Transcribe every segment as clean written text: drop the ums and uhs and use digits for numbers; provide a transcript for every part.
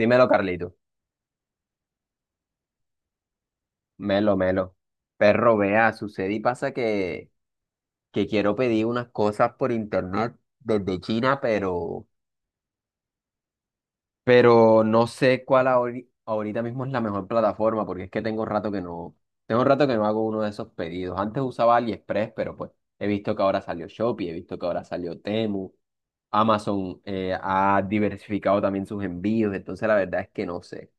Dímelo, Carlito. Melo, melo. Perro, vea, sucede y pasa que quiero pedir unas cosas por internet desde China, pero no sé cuál ahorita mismo es la mejor plataforma, porque es que tengo rato que no hago uno de esos pedidos. Antes usaba AliExpress, pero pues he visto que ahora salió Shopee, he visto que ahora salió Temu. Amazon ha diversificado también sus envíos, entonces la verdad es que no sé.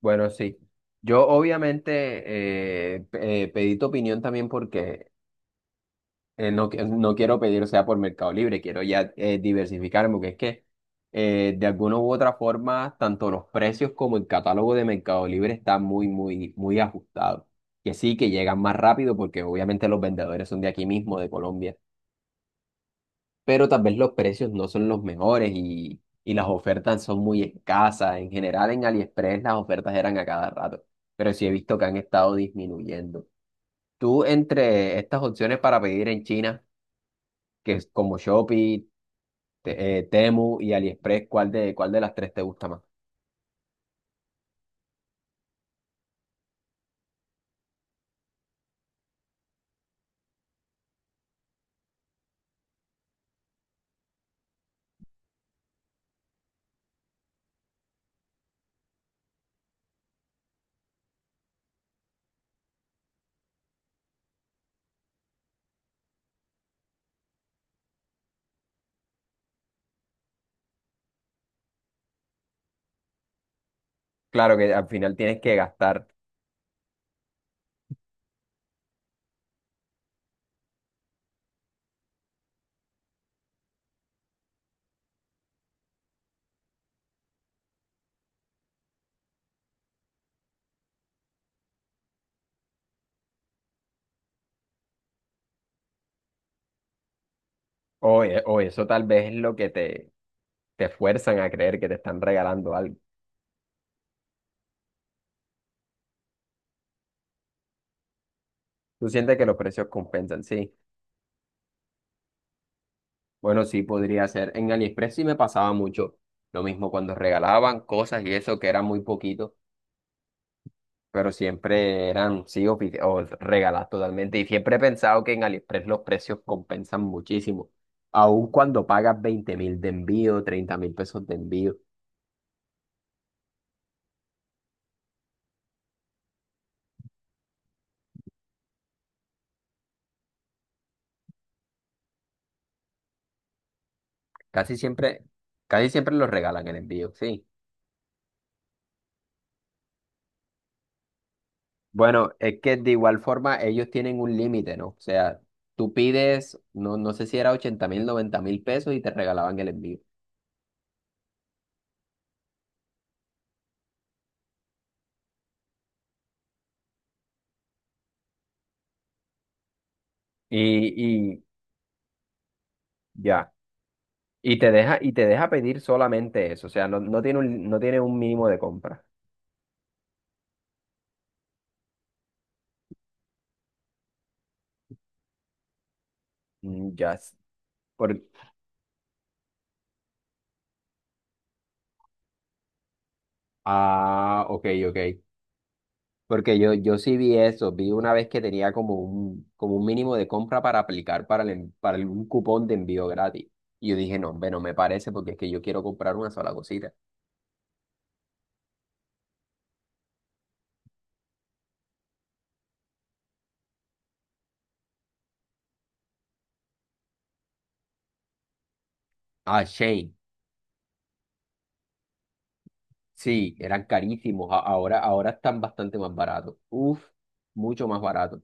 Bueno, sí. Yo obviamente pedí tu opinión también porque no, no quiero pedir, o sea, por Mercado Libre, quiero ya diversificarme, porque es que de alguna u otra forma, tanto los precios como el catálogo de Mercado Libre están muy, muy, muy ajustado. Que sí, que llegan más rápido porque obviamente los vendedores son de aquí mismo, de Colombia, pero tal vez los precios no son los mejores y las ofertas son muy escasas. En general, en AliExpress las ofertas eran a cada rato, pero sí he visto que han estado disminuyendo. Tú, entre estas opciones para pedir en China, que es como Shopee, Temu y AliExpress, cuál de las tres te gusta más? Claro que al final tienes que gastar, o, o eso tal vez es lo que te fuerzan a creer que te están regalando algo. Tú sientes que los precios compensan, sí. Bueno, sí, podría ser. En AliExpress sí me pasaba mucho lo mismo cuando regalaban cosas y eso que era muy poquito, pero siempre eran, sí, o regaladas totalmente. Y siempre he pensado que en AliExpress los precios compensan muchísimo. Aun cuando pagas 20.000 de envío, 30.000 pesos de envío, casi siempre, casi siempre los regalan el envío, sí. Bueno, es que de igual forma ellos tienen un límite, ¿no? O sea, tú pides, no sé si era 80.000, 90.000 pesos y te regalaban el envío. Y, Ya. Y te deja pedir solamente eso. O sea, no tiene no tiene un mínimo de compra. Mm, ya. Por... Ah, ok, ok. Porque yo sí vi eso, vi una vez que tenía como un mínimo de compra para aplicar para algún cupón de envío gratis. Y yo dije, no, hombre, no me parece porque es que yo quiero comprar una sola cosita. Ah, Shane, sí, eran carísimos, ahora, ahora están bastante más baratos. Uf, mucho más baratos.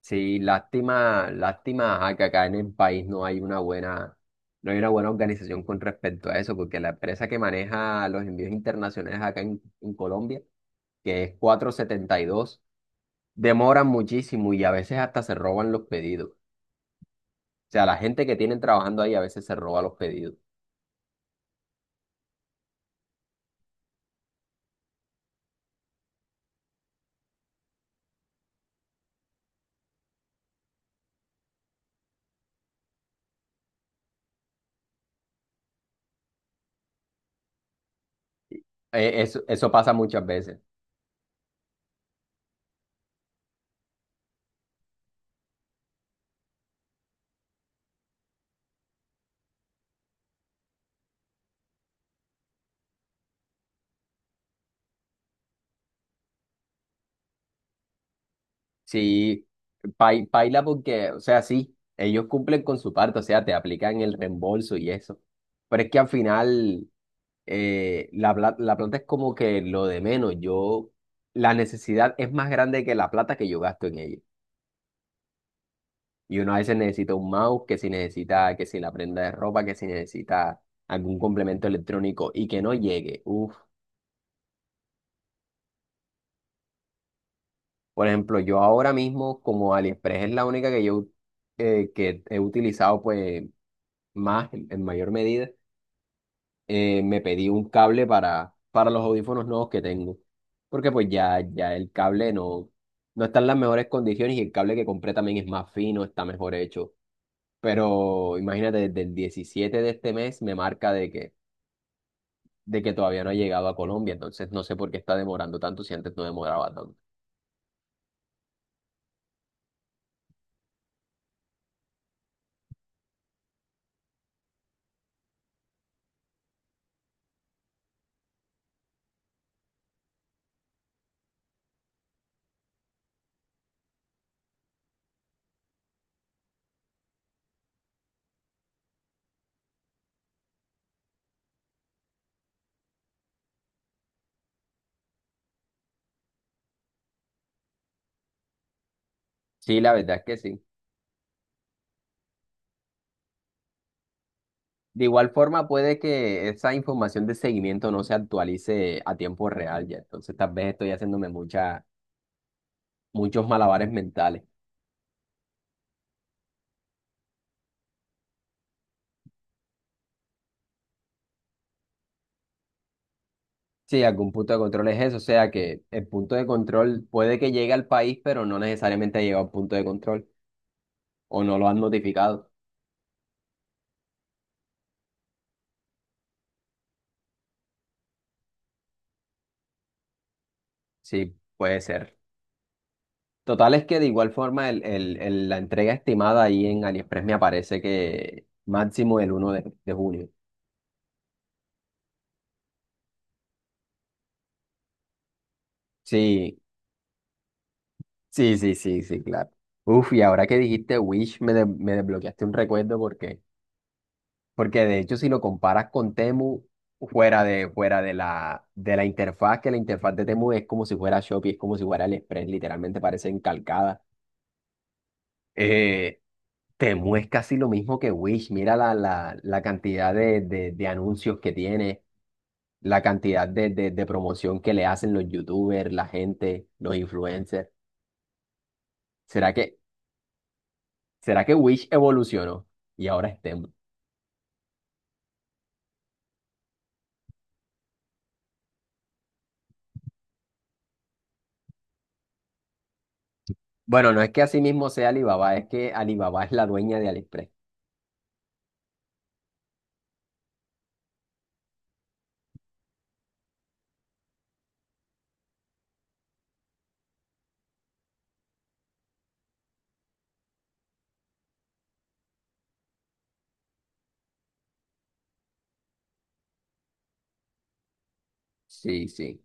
Sí, lástima, lástima, a que acá en el país no hay una buena organización con respecto a eso, porque la empresa que maneja los envíos internacionales acá en Colombia, que es 472, demoran muchísimo y a veces hasta se roban los pedidos. O sea, la gente que tienen trabajando ahí a veces se roba los pedidos. Eso pasa muchas veces. Sí, paila porque, o sea, sí, ellos cumplen con su parte, o sea, te aplican el reembolso y eso. Pero es que al final la plata es como que lo de menos. La necesidad es más grande que la plata que yo gasto en ella. Y uno a veces necesita un mouse, que si necesita, que si la prenda de ropa, que si necesita algún complemento electrónico y que no llegue. Uf. Por ejemplo, yo ahora mismo, como AliExpress es la única que he utilizado pues más en mayor medida, me pedí un cable para los audífonos nuevos que tengo. Porque pues ya el cable no está en las mejores condiciones y el cable que compré también es más fino, está mejor hecho. Pero imagínate, desde el 17 de este mes me marca de que todavía no ha llegado a Colombia, entonces no sé por qué está demorando tanto si antes no demoraba tanto. Sí, la verdad es que sí. De igual forma, puede que esa información de seguimiento no se actualice a tiempo real ya, entonces tal vez estoy haciéndome muchos malabares mentales. Sí, algún punto de control es eso, o sea que el punto de control puede que llegue al país, pero no necesariamente ha llegado al punto de control o no lo han notificado. Sí, puede ser. Total es que de igual forma la entrega estimada ahí en AliExpress me aparece que máximo el 1 de junio. Sí, sí, sí, sí, sí, claro. Uf, y ahora que dijiste Wish, me desbloqueaste un recuerdo. Porque de hecho, si lo comparas con Temu, fuera de la interfaz, que la interfaz de Temu es como si fuera Shopee, es como si fuera AliExpress, literalmente parecen calcadas. Eh, Temu es casi lo mismo que Wish. Mira la cantidad de anuncios que tiene, la cantidad de promoción que le hacen los YouTubers, la gente, los influencers. ¿Será que, será que Wish evolucionó y ahora es Temu? Bueno, no es que así mismo sea Alibaba, es que Alibaba es la dueña de AliExpress. Sí, sí.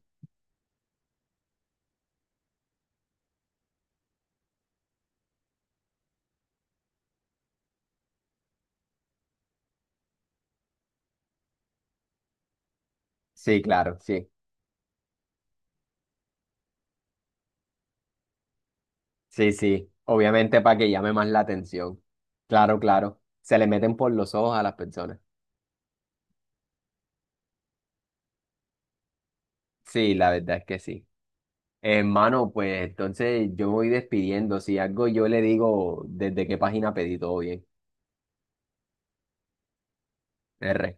Sí, claro, sí. Sí, sí. Obviamente para que llame más la atención. Claro, claro. Se le meten por los ojos a las personas. Sí, la verdad es que sí. Hermano, pues entonces yo me voy despidiendo. Si algo yo le digo desde qué página pedí todo bien. R.